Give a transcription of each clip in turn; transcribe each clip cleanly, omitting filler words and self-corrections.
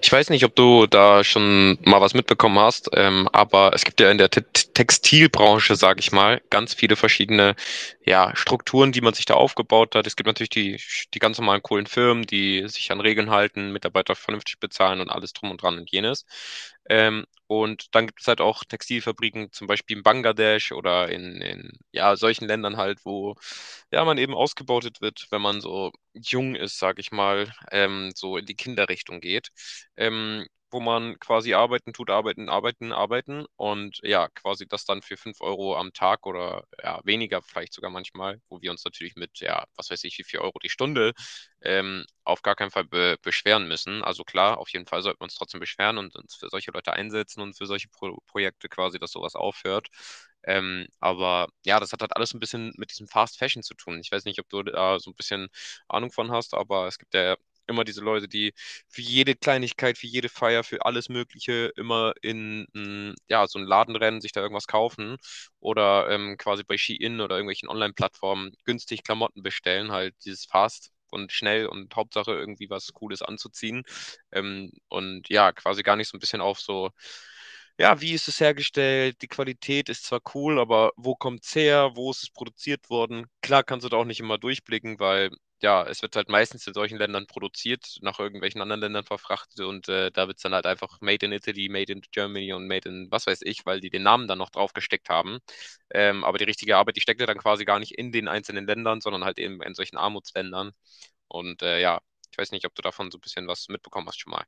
Ich weiß nicht, ob du da schon mal was mitbekommen hast, aber es gibt ja in der Te Textilbranche, sage ich mal, ganz viele verschiedene ja, Strukturen, die man sich da aufgebaut hat. Es gibt natürlich die ganz normalen coolen Firmen, die sich an Regeln halten, Mitarbeiter vernünftig bezahlen und alles drum und dran und jenes. Und dann gibt es halt auch Textilfabriken, zum Beispiel in Bangladesch oder in ja, solchen Ländern halt, wo ja, man eben ausgebeutet wird, wenn man so jung ist, sage ich mal, so in die Kinderrichtung geht, ähm, wo man quasi arbeiten tut, arbeiten, arbeiten, arbeiten und ja, quasi das dann für 5 Euro am Tag oder ja, weniger vielleicht sogar manchmal, wo wir uns natürlich mit, ja, was weiß ich, wie viel Euro die Stunde auf gar keinen Fall be beschweren müssen. Also klar, auf jeden Fall sollten wir uns trotzdem beschweren und uns für solche Leute einsetzen und für solche Projekte quasi, dass sowas aufhört. Aber ja, das hat halt alles ein bisschen mit diesem Fast Fashion zu tun. Ich weiß nicht, ob du da so ein bisschen Ahnung von hast, aber es gibt ja immer diese Leute, die für jede Kleinigkeit, für jede Feier, für alles Mögliche immer in ja, so einen Laden rennen, sich da irgendwas kaufen oder quasi bei Shein oder irgendwelchen Online-Plattformen günstig Klamotten bestellen, halt dieses Fast und schnell und Hauptsache irgendwie was Cooles anzuziehen. Und ja, quasi gar nicht so ein bisschen auf so, ja, wie ist es hergestellt? Die Qualität ist zwar cool, aber wo kommt's her? Wo ist es produziert worden? Klar kannst du da auch nicht immer durchblicken, weil ja, es wird halt meistens in solchen Ländern produziert, nach irgendwelchen anderen Ländern verfrachtet und da wird es dann halt einfach Made in Italy, Made in Germany und Made in was weiß ich, weil die den Namen dann noch drauf gesteckt haben. Aber die richtige Arbeit, die steckt ja dann quasi gar nicht in den einzelnen Ländern, sondern halt eben in solchen Armutsländern. Und ja, ich weiß nicht, ob du davon so ein bisschen was mitbekommen hast schon mal.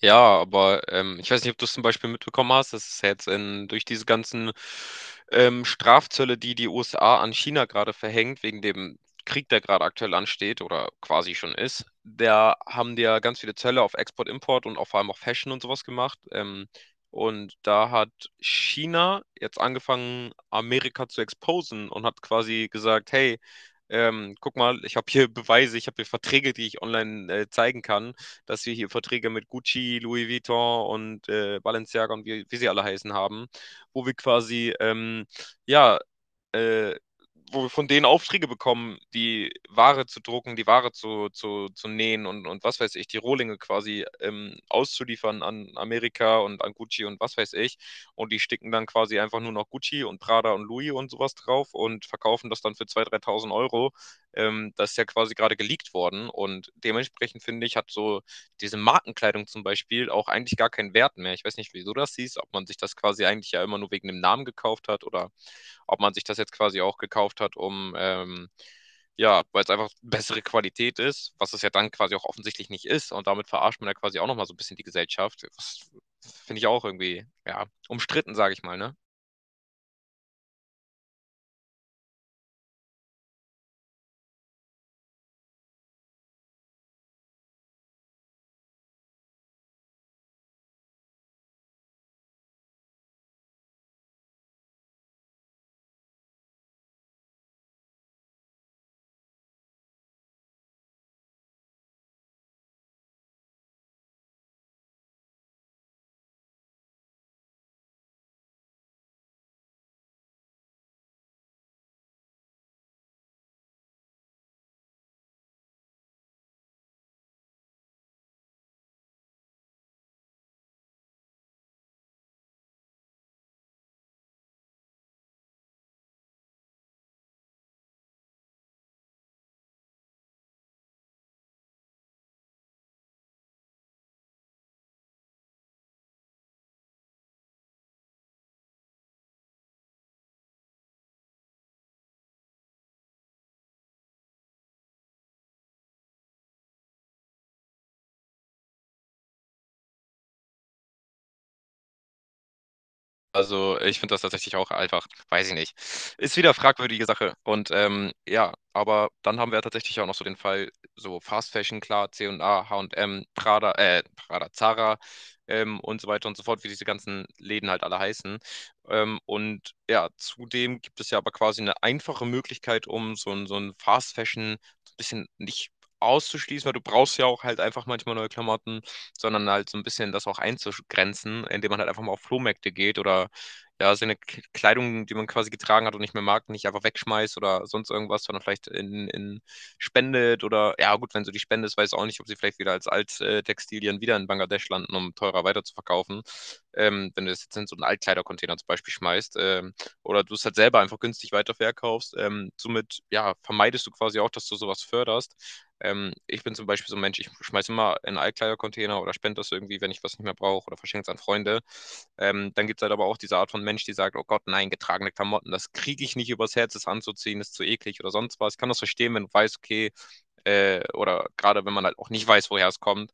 Ja, aber ich weiß nicht, ob du es zum Beispiel mitbekommen hast, dass es jetzt durch diese ganzen Strafzölle, die die USA an China gerade verhängt, wegen dem Krieg, der gerade aktuell ansteht oder quasi schon ist, da haben die ja ganz viele Zölle auf Export, Import und auch vor allem auf Fashion und sowas gemacht. Und da hat China jetzt angefangen, Amerika zu exposen und hat quasi gesagt, hey, guck mal, ich habe hier Beweise, ich habe hier Verträge, die ich online zeigen kann, dass wir hier Verträge mit Gucci, Louis Vuitton und Balenciaga und wie sie alle heißen haben, wo wir quasi ja äh, wo wir von denen Aufträge bekommen, die Ware zu drucken, die Ware zu nähen und was weiß ich, die Rohlinge quasi auszuliefern an Amerika und an Gucci und was weiß ich. Und die sticken dann quasi einfach nur noch Gucci und Prada und Louis und sowas drauf und verkaufen das dann für 2.000, 3.000 Euro. Das ist ja quasi gerade geleakt worden. Und dementsprechend finde ich, hat so diese Markenkleidung zum Beispiel auch eigentlich gar keinen Wert mehr. Ich weiß nicht, wieso das hieß, ob man sich das quasi eigentlich ja immer nur wegen dem Namen gekauft hat oder ob man sich das jetzt quasi auch gekauft hat, um ja, weil es einfach bessere Qualität ist, was es ja dann quasi auch offensichtlich nicht ist. Und damit verarscht man ja quasi auch nochmal so ein bisschen die Gesellschaft. Das finde ich auch irgendwie, ja, umstritten, sage ich mal, ne? Also, ich finde das tatsächlich auch einfach weiß ich nicht. Ist wieder fragwürdige Sache und, ja, aber dann haben wir ja tatsächlich auch noch so den Fall, so Fast Fashion, klar, C und C&A, H&M, Prada Prada, Zara, und so weiter und so fort, wie diese ganzen Läden halt alle heißen. Und ja, zudem gibt es ja aber quasi eine einfache Möglichkeit, um so ein Fast Fashion so 'n bisschen nicht auszuschließen, weil du brauchst ja auch halt einfach manchmal neue Klamotten, sondern halt so ein bisschen das auch einzugrenzen, indem man halt einfach mal auf Flohmärkte geht oder ja, seine Kleidung, die man quasi getragen hat und nicht mehr mag, nicht einfach wegschmeißt oder sonst irgendwas, sondern vielleicht in spendet oder ja gut, wenn so die Spende ist, weiß ich auch nicht, ob sie vielleicht wieder als Alttextilien wieder in Bangladesch landen, um teurer weiterzuverkaufen. Wenn du das jetzt in so einen Altkleidercontainer zum Beispiel schmeißt, oder du es halt selber einfach günstig weiterverkaufst. Somit ja, vermeidest du quasi auch, dass du sowas förderst. Ich bin zum Beispiel so ein Mensch, ich schmeiße immer in einen Altkleidercontainer oder spende das irgendwie, wenn ich was nicht mehr brauche oder verschenke es an Freunde. Dann gibt es halt aber auch diese Art von Mensch, die sagt, oh Gott, nein, getragene Klamotten, das kriege ich nicht übers Herz, das anzuziehen, ist zu eklig oder sonst was. Ich kann das verstehen, wenn du weißt, okay, oder gerade wenn man halt auch nicht weiß, woher es kommt,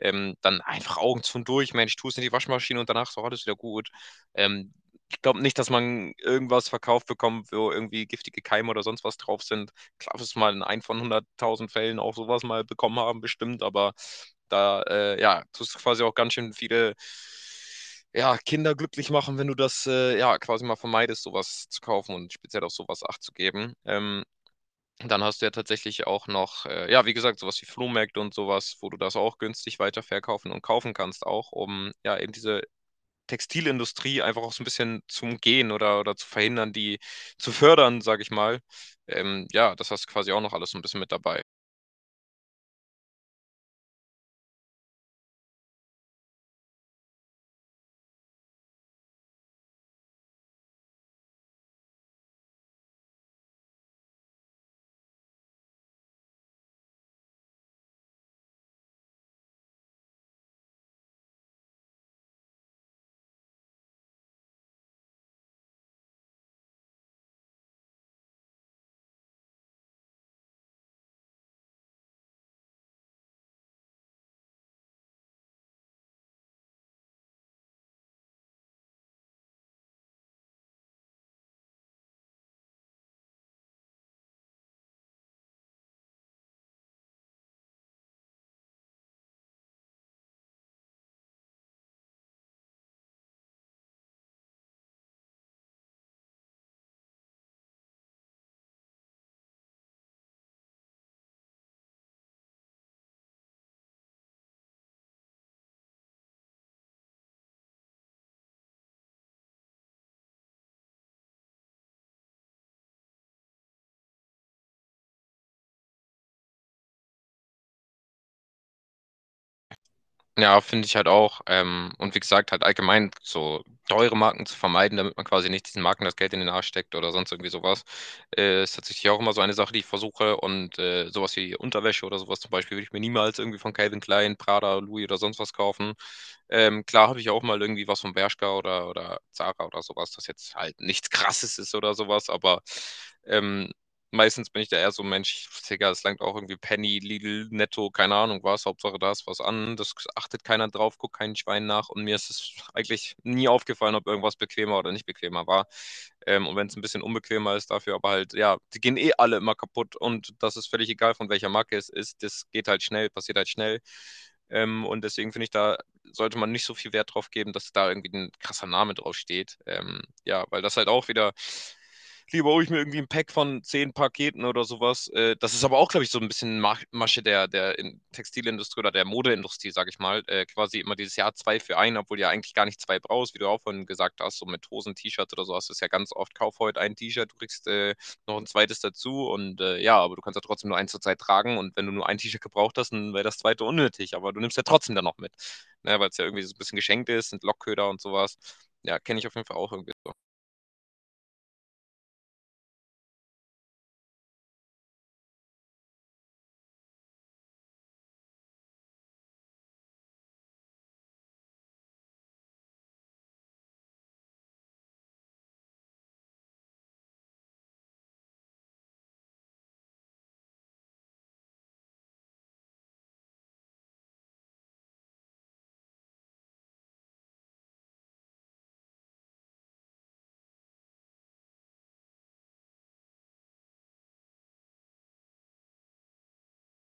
dann einfach Augen zu und durch, Mensch, tu es in die Waschmaschine und danach ist auch alles wieder gut. Ähm, ich glaube nicht, dass man irgendwas verkauft bekommt, wo irgendwie giftige Keime oder sonst was drauf sind. Klar, es mal in ein von hunderttausend Fällen auch sowas mal bekommen haben, bestimmt, aber da, ja, tust du quasi auch ganz schön viele ja, Kinder glücklich machen, wenn du das ja quasi mal vermeidest, sowas zu kaufen und speziell auf sowas Acht zu geben. Dann hast du ja tatsächlich auch noch, ja, wie gesagt, so was wie Flohmärkte und sowas, wo du das auch günstig weiterverkaufen und kaufen kannst, auch um ja eben diese Textilindustrie einfach auch so ein bisschen zu umgehen oder zu verhindern, die zu fördern, sage ich mal. Ja, das hast du quasi auch noch alles so ein bisschen mit dabei. Ja, finde ich halt auch. Und wie gesagt, halt allgemein so teure Marken zu vermeiden, damit man quasi nicht diesen Marken das Geld in den Arsch steckt oder sonst irgendwie sowas, ist tatsächlich auch immer so eine Sache, die ich versuche. Und sowas wie Unterwäsche oder sowas zum Beispiel würde ich mir niemals irgendwie von Calvin Klein, Prada, Louis oder sonst was kaufen. Klar habe ich auch mal irgendwie was von Bershka oder Zara oder sowas, das jetzt halt nichts Krasses ist oder sowas, aber ähm, meistens bin ich da eher so, Mensch, Digga, es langt auch irgendwie Penny, Lidl, Netto, keine Ahnung was, Hauptsache da ist was an, das achtet keiner drauf, guckt kein Schwein nach und mir ist es eigentlich nie aufgefallen, ob irgendwas bequemer oder nicht bequemer war. Und wenn es ein bisschen unbequemer ist dafür, aber halt, ja, die gehen eh alle immer kaputt und das ist völlig egal, von welcher Marke es ist, das geht halt schnell, passiert halt schnell. Und deswegen finde ich, da sollte man nicht so viel Wert drauf geben, dass da irgendwie ein krasser Name drauf steht. Ja, weil das halt auch wieder lieber hole ich mir irgendwie ein Pack von 10 Paketen oder sowas. Das ist aber auch, glaube ich, so ein bisschen Masche der, der Textilindustrie oder der Modeindustrie, sage ich mal. Quasi immer dieses Jahr zwei für einen, obwohl du ja eigentlich gar nicht zwei brauchst, wie du auch vorhin gesagt hast, so mit Hosen, T-Shirts oder so hast du es ja ganz oft, kauf heute ein T-Shirt, du kriegst noch ein zweites dazu und ja, aber du kannst ja trotzdem nur eins zur Zeit tragen und wenn du nur ein T-Shirt gebraucht hast, dann wäre das zweite unnötig, aber du nimmst ja trotzdem dann noch mit, ne, weil es ja irgendwie so ein bisschen geschenkt ist, sind Lockköder und sowas. Ja, kenne ich auf jeden Fall auch irgendwie so.